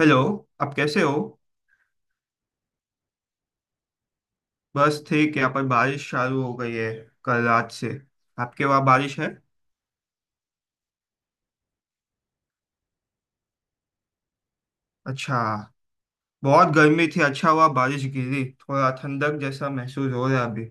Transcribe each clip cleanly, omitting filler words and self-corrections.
Hello. आप कैसे हो? बस ठीक है। यहाँ पर बारिश चालू हो गई है कल रात से। आपके वहाँ बारिश है? अच्छा। बहुत गर्मी थी, अच्छा हुआ बारिश गिरी। थोड़ा ठंडक जैसा महसूस हो रहा है अभी।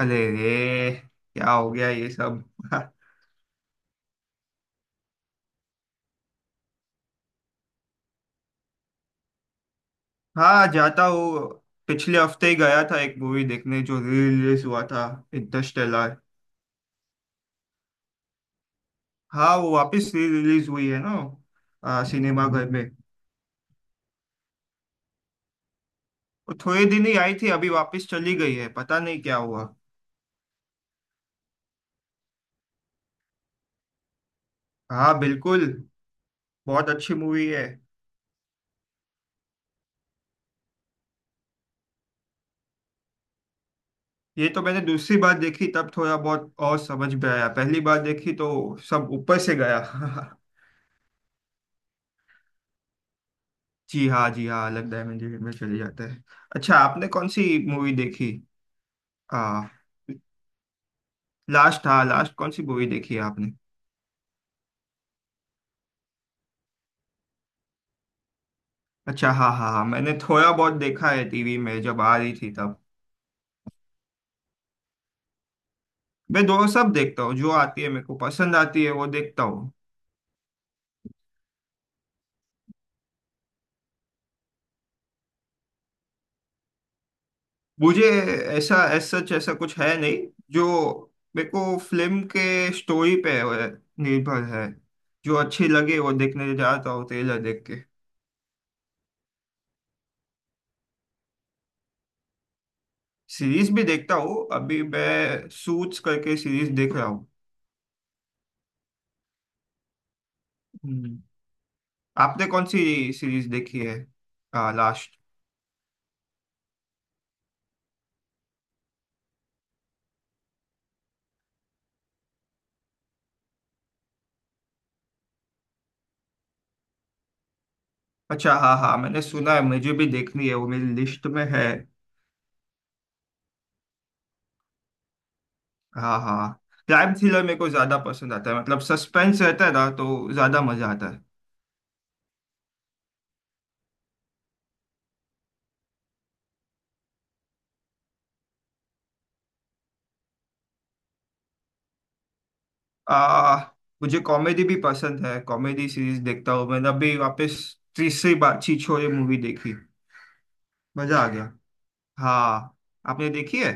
अरे रे! क्या हो गया ये सब? हाँ, जाता हूँ। पिछले हफ्ते ही गया था एक मूवी देखने जो री रिलीज हुआ था। इंटरस्टेलर। हाँ, वो वापस री रिलीज हुई है ना। सिनेमा घर में। वो थोड़े दिन ही आई थी, अभी वापस चली गई है, पता नहीं क्या हुआ। हाँ, बिल्कुल। बहुत अच्छी मूवी है। ये तो मैंने दूसरी बार देखी तब थोड़ा बहुत और समझ में आया। पहली बार देखी तो सब ऊपर से गया। जी हाँ, जी हाँ, अलग डायमेंशन में चले जाते हैं। अच्छा, आपने कौन सी मूवी देखी? आ, लास्ट। हाँ, लास्ट कौन सी मूवी देखी है आपने? अच्छा, हाँ हाँ हाँ, मैंने थोड़ा बहुत देखा है टीवी में जब आ रही थी तब। मैं दो सब देखता हूँ, जो आती है मेरे को पसंद आती है वो देखता हूँ। मुझे ऐसा एज सच ऐसा कुछ है नहीं, जो मेरे को फिल्म के स्टोरी पे निर्भर है। जो अच्छी लगे वो देखने जाता हूँ ट्रेलर देख के। सीरीज भी देखता हूँ, अभी मैं सूट्स करके सीरीज देख रहा हूँ। हम्म। आपने कौन सी सीरीज देखी है? लास्ट। अच्छा, हाँ हाँ, मैंने सुना है, मुझे भी देखनी है, वो मेरी लिस्ट में है। हाँ, हाँ। क्राइम थ्रिलर मेरे को ज्यादा पसंद आता है, मतलब सस्पेंस रहता है ना तो ज्यादा मजा आता है। आ, मुझे कॉमेडी भी पसंद है, कॉमेडी सीरीज देखता हूँ। मैंने अभी वापस तीसरी बार छीछोरे ये मूवी देखी, मजा आ गया। हाँ, आपने देखी है?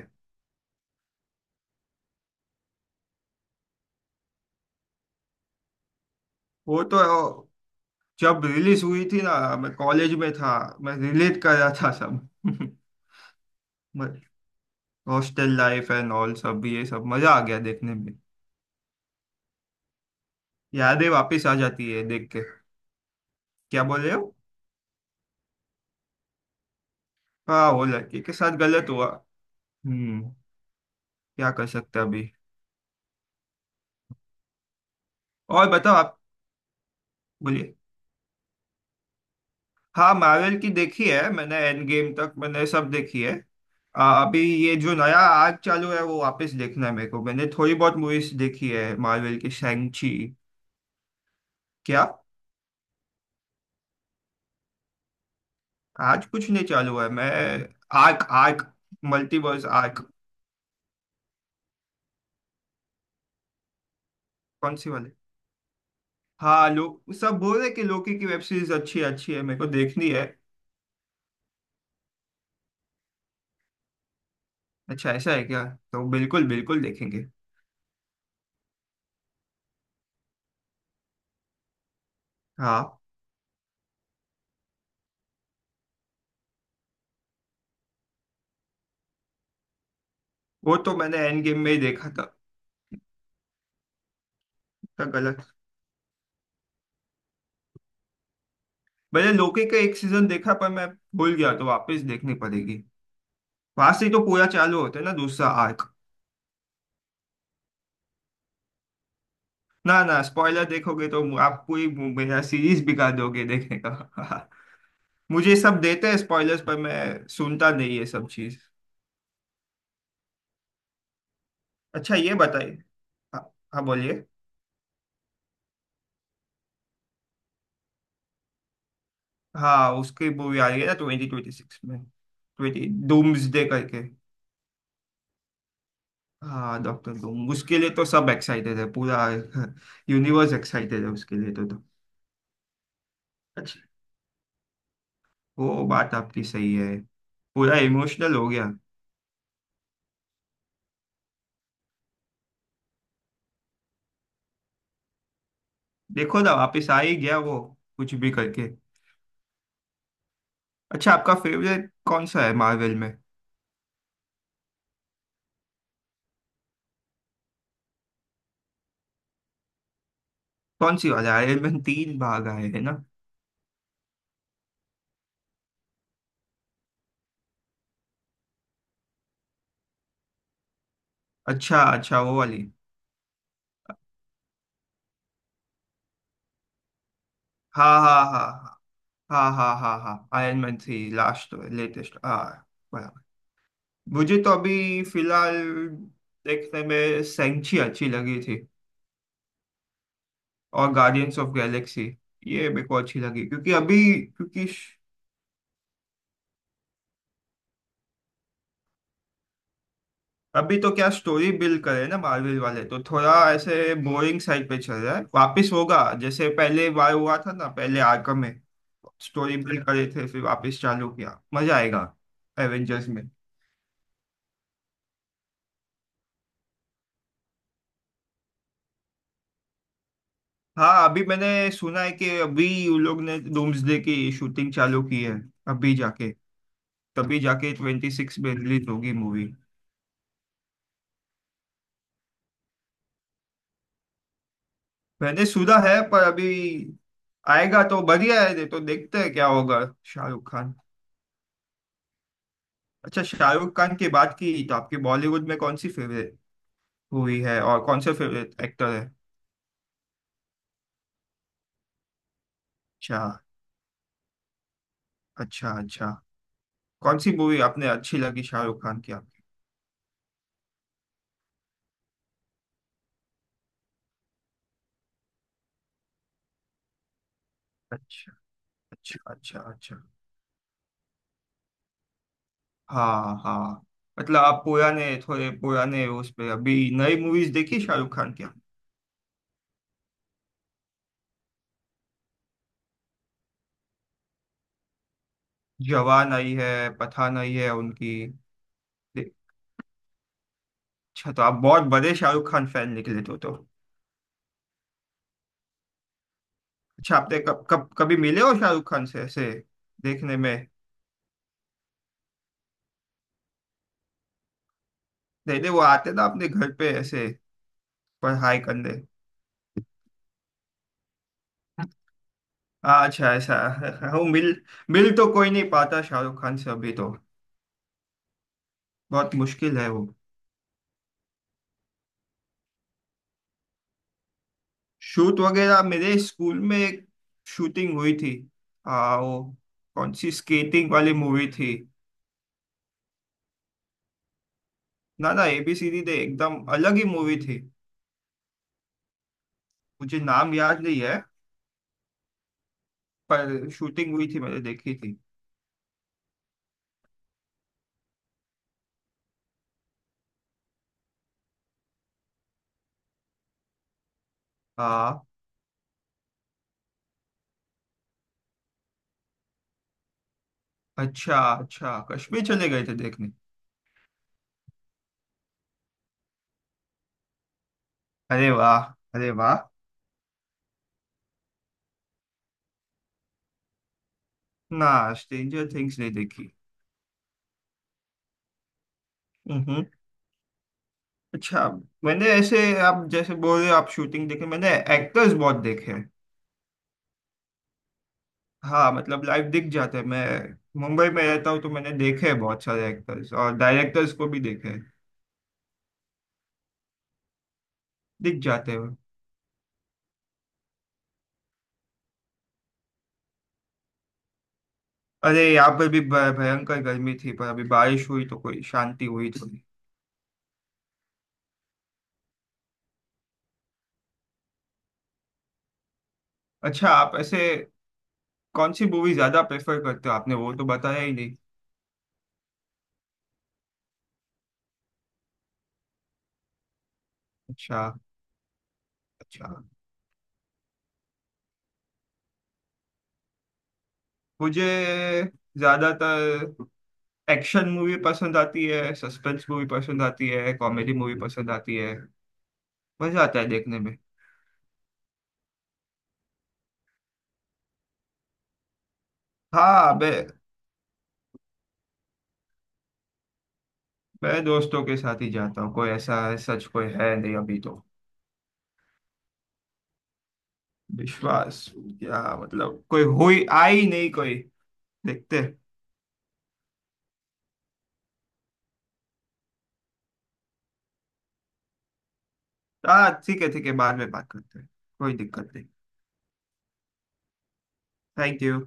वो तो जब रिलीज हुई थी ना, मैं कॉलेज में था, मैं रिलेट कर रहा था सब। हॉस्टल लाइफ एंड ऑल सब, ये सब मजा आ गया देखने में। यादें वापस आ जाती है देख के। क्या बोल रहे हो? हाँ, वो लड़की के साथ गलत हुआ। हम्म। क्या कर सकते हैं अभी। और बताओ आप। बोलिए। हाँ, मार्वल की देखी है मैंने, एंड गेम तक मैंने सब देखी है। अभी ये जो नया आर्क चालू है वो वापस देखना है मेरे को, मैंने थोड़ी बहुत मूवीज देखी है मार्वल की, शैंगची। क्या? आज कुछ नहीं चालू है, मैं आर्क आर्क मल्टीवर्स आर्क। कौन सी वाले? हाँ, लोग सब बोल रहे कि लोकी की वेब सीरीज अच्छी अच्छी है, मेरे को देखनी है। अच्छा, ऐसा है क्या? तो बिल्कुल बिल्कुल देखेंगे। हाँ, वो तो मैंने एंड गेम में ही देखा था। था गलत। मैंने लोकी का एक सीजन देखा, पर मैं भूल गया, तो वापस देखनी पड़ेगी। वहां से ही तो पूरा चालू होता है ना दूसरा आर्क। ना ना, स्पॉइलर देखोगे तो। आप पूरी मेरा सीरीज बिगाड़ दोगे देखने का। मुझे सब देते हैं स्पॉयलर्स, पर मैं सुनता नहीं ये सब चीज। अच्छा, ये बताइए। हाँ। हाँ, बोलिए। हाँ, उसकी मूवी आ रही है ना ट्वेंटी ट्वेंटी सिक्स में। ट्वेंटी डूम्सडे करके। हाँ, डॉक्टर डूम, उसके लिए तो सब एक्साइटेड है पूरा। यूनिवर्स एक्साइटेड है उसके लिए तो। अच्छा। वो बात आपकी सही है। पूरा इमोशनल हो गया। देखो ना, वापिस आ ही गया वो कुछ भी करके। अच्छा, आपका फेवरेट कौन सा है मार्वल में? कौन सी वाला आयरन मैन, तीन भाग आए हैं ना। अच्छा अच्छा, वो वाली। हाँ हाँ हाँ हाँ हाँ हाँ हाँ, Iron Man three last latest, हाँ। बराबर। मुझे तो अभी फिलहाल देखने में सेंची अच्छी लगी थी। और गार्डियंस ऑफ गैलेक्सी, ये मेरे को अच्छी लगी क्योंकि अभी तो क्या स्टोरी बिल्ड करे ना, मार्वल वाले तो थोड़ा ऐसे बोरिंग साइड पे चल रहा है, वापिस होगा जैसे पहले बार हुआ था ना पहले आर्कम में। स्टोरी बिल्ड करे थे, फिर वापस चालू किया, मजा आएगा एवेंजर्स में। हाँ, अभी मैंने सुना है कि अभी उन लोग ने डूम्सडे की शूटिंग चालू की है अभी जाके, तभी जाके ट्वेंटी सिक्स में रिलीज होगी मूवी। मैंने सुना है, पर अभी आएगा तो बढ़िया है, नहीं तो देखते हैं क्या होगा। शाहरुख खान। अच्छा, शाहरुख खान की बात की तो आपकी बॉलीवुड में कौन सी फेवरेट मूवी है और कौन से फेवरेट एक्टर है? अच्छा अच्छा अच्छा। कौन सी मूवी आपने अच्छी लगी शाहरुख खान की आपकी? अच्छा अच्छा अच्छा अच्छा। हाँ हाँ। मतलब आप पुराने थोड़े पुराने उस पे, अभी नई मूवीज देखी शाहरुख खान की आपने? जवान आई है, पठान आई है उनकी। दे- अच्छा, तो आप बहुत बड़े शाहरुख खान फैन निकले तो। अच्छा, आपने कब कब कभी मिले हो शाहरुख खान से ऐसे देखने में? नहीं नहीं, वो आते ना अपने घर पे ऐसे। पर हाय कंधे। हाँ, अच्छा ऐसा है। वो मिल मिल तो कोई नहीं पाता शाहरुख खान से अभी तो, बहुत मुश्किल है वो। शूट वगैरह मेरे स्कूल में एक शूटिंग हुई थी। वो कौन सी स्केटिंग वाली मूवी थी। ना ना, एबीसीडी दे एकदम अलग ही मूवी थी। मुझे नाम याद नहीं है। पर शूटिंग हुई थी मैंने देखी थी। हाँ। अच्छा अच्छा, कश्मीर चले गए थे देखने? अरे वाह! अरे वाह! ना, स्ट्रेंजर थिंग्स नहीं देखी। हम्म। अच्छा। मैंने ऐसे, आप जैसे बोल रहे हो आप शूटिंग देखे, मैंने एक्टर्स बहुत देखे हैं। हाँ, मतलब लाइव दिख जाते हैं। मैं मुंबई में रहता हूँ तो मैंने देखे हैं बहुत सारे एक्टर्स और डायरेक्टर्स को भी देखे हैं। दिख जाते हैं। अरे, यहाँ पर भी भयंकर गर्मी थी, पर अभी बारिश हुई तो कोई शांति हुई थोड़ी। अच्छा, आप ऐसे कौन सी मूवी ज्यादा प्रेफर करते हो, आपने वो तो बताया ही नहीं। अच्छा अच्छा। मुझे ज्यादातर एक्शन मूवी पसंद आती है, सस्पेंस मूवी पसंद आती है, कॉमेडी मूवी पसंद आती है। मजा आता है देखने में। हाँ, मैं दोस्तों के साथ ही जाता हूँ, कोई ऐसा सच कोई है नहीं अभी तो। विश्वास क्या मतलब, कोई हुई आई नहीं कोई। देखते हैं। हाँ ठीक है ठीक है, बाद में बात करते हैं। कोई दिक्कत नहीं। Thank you.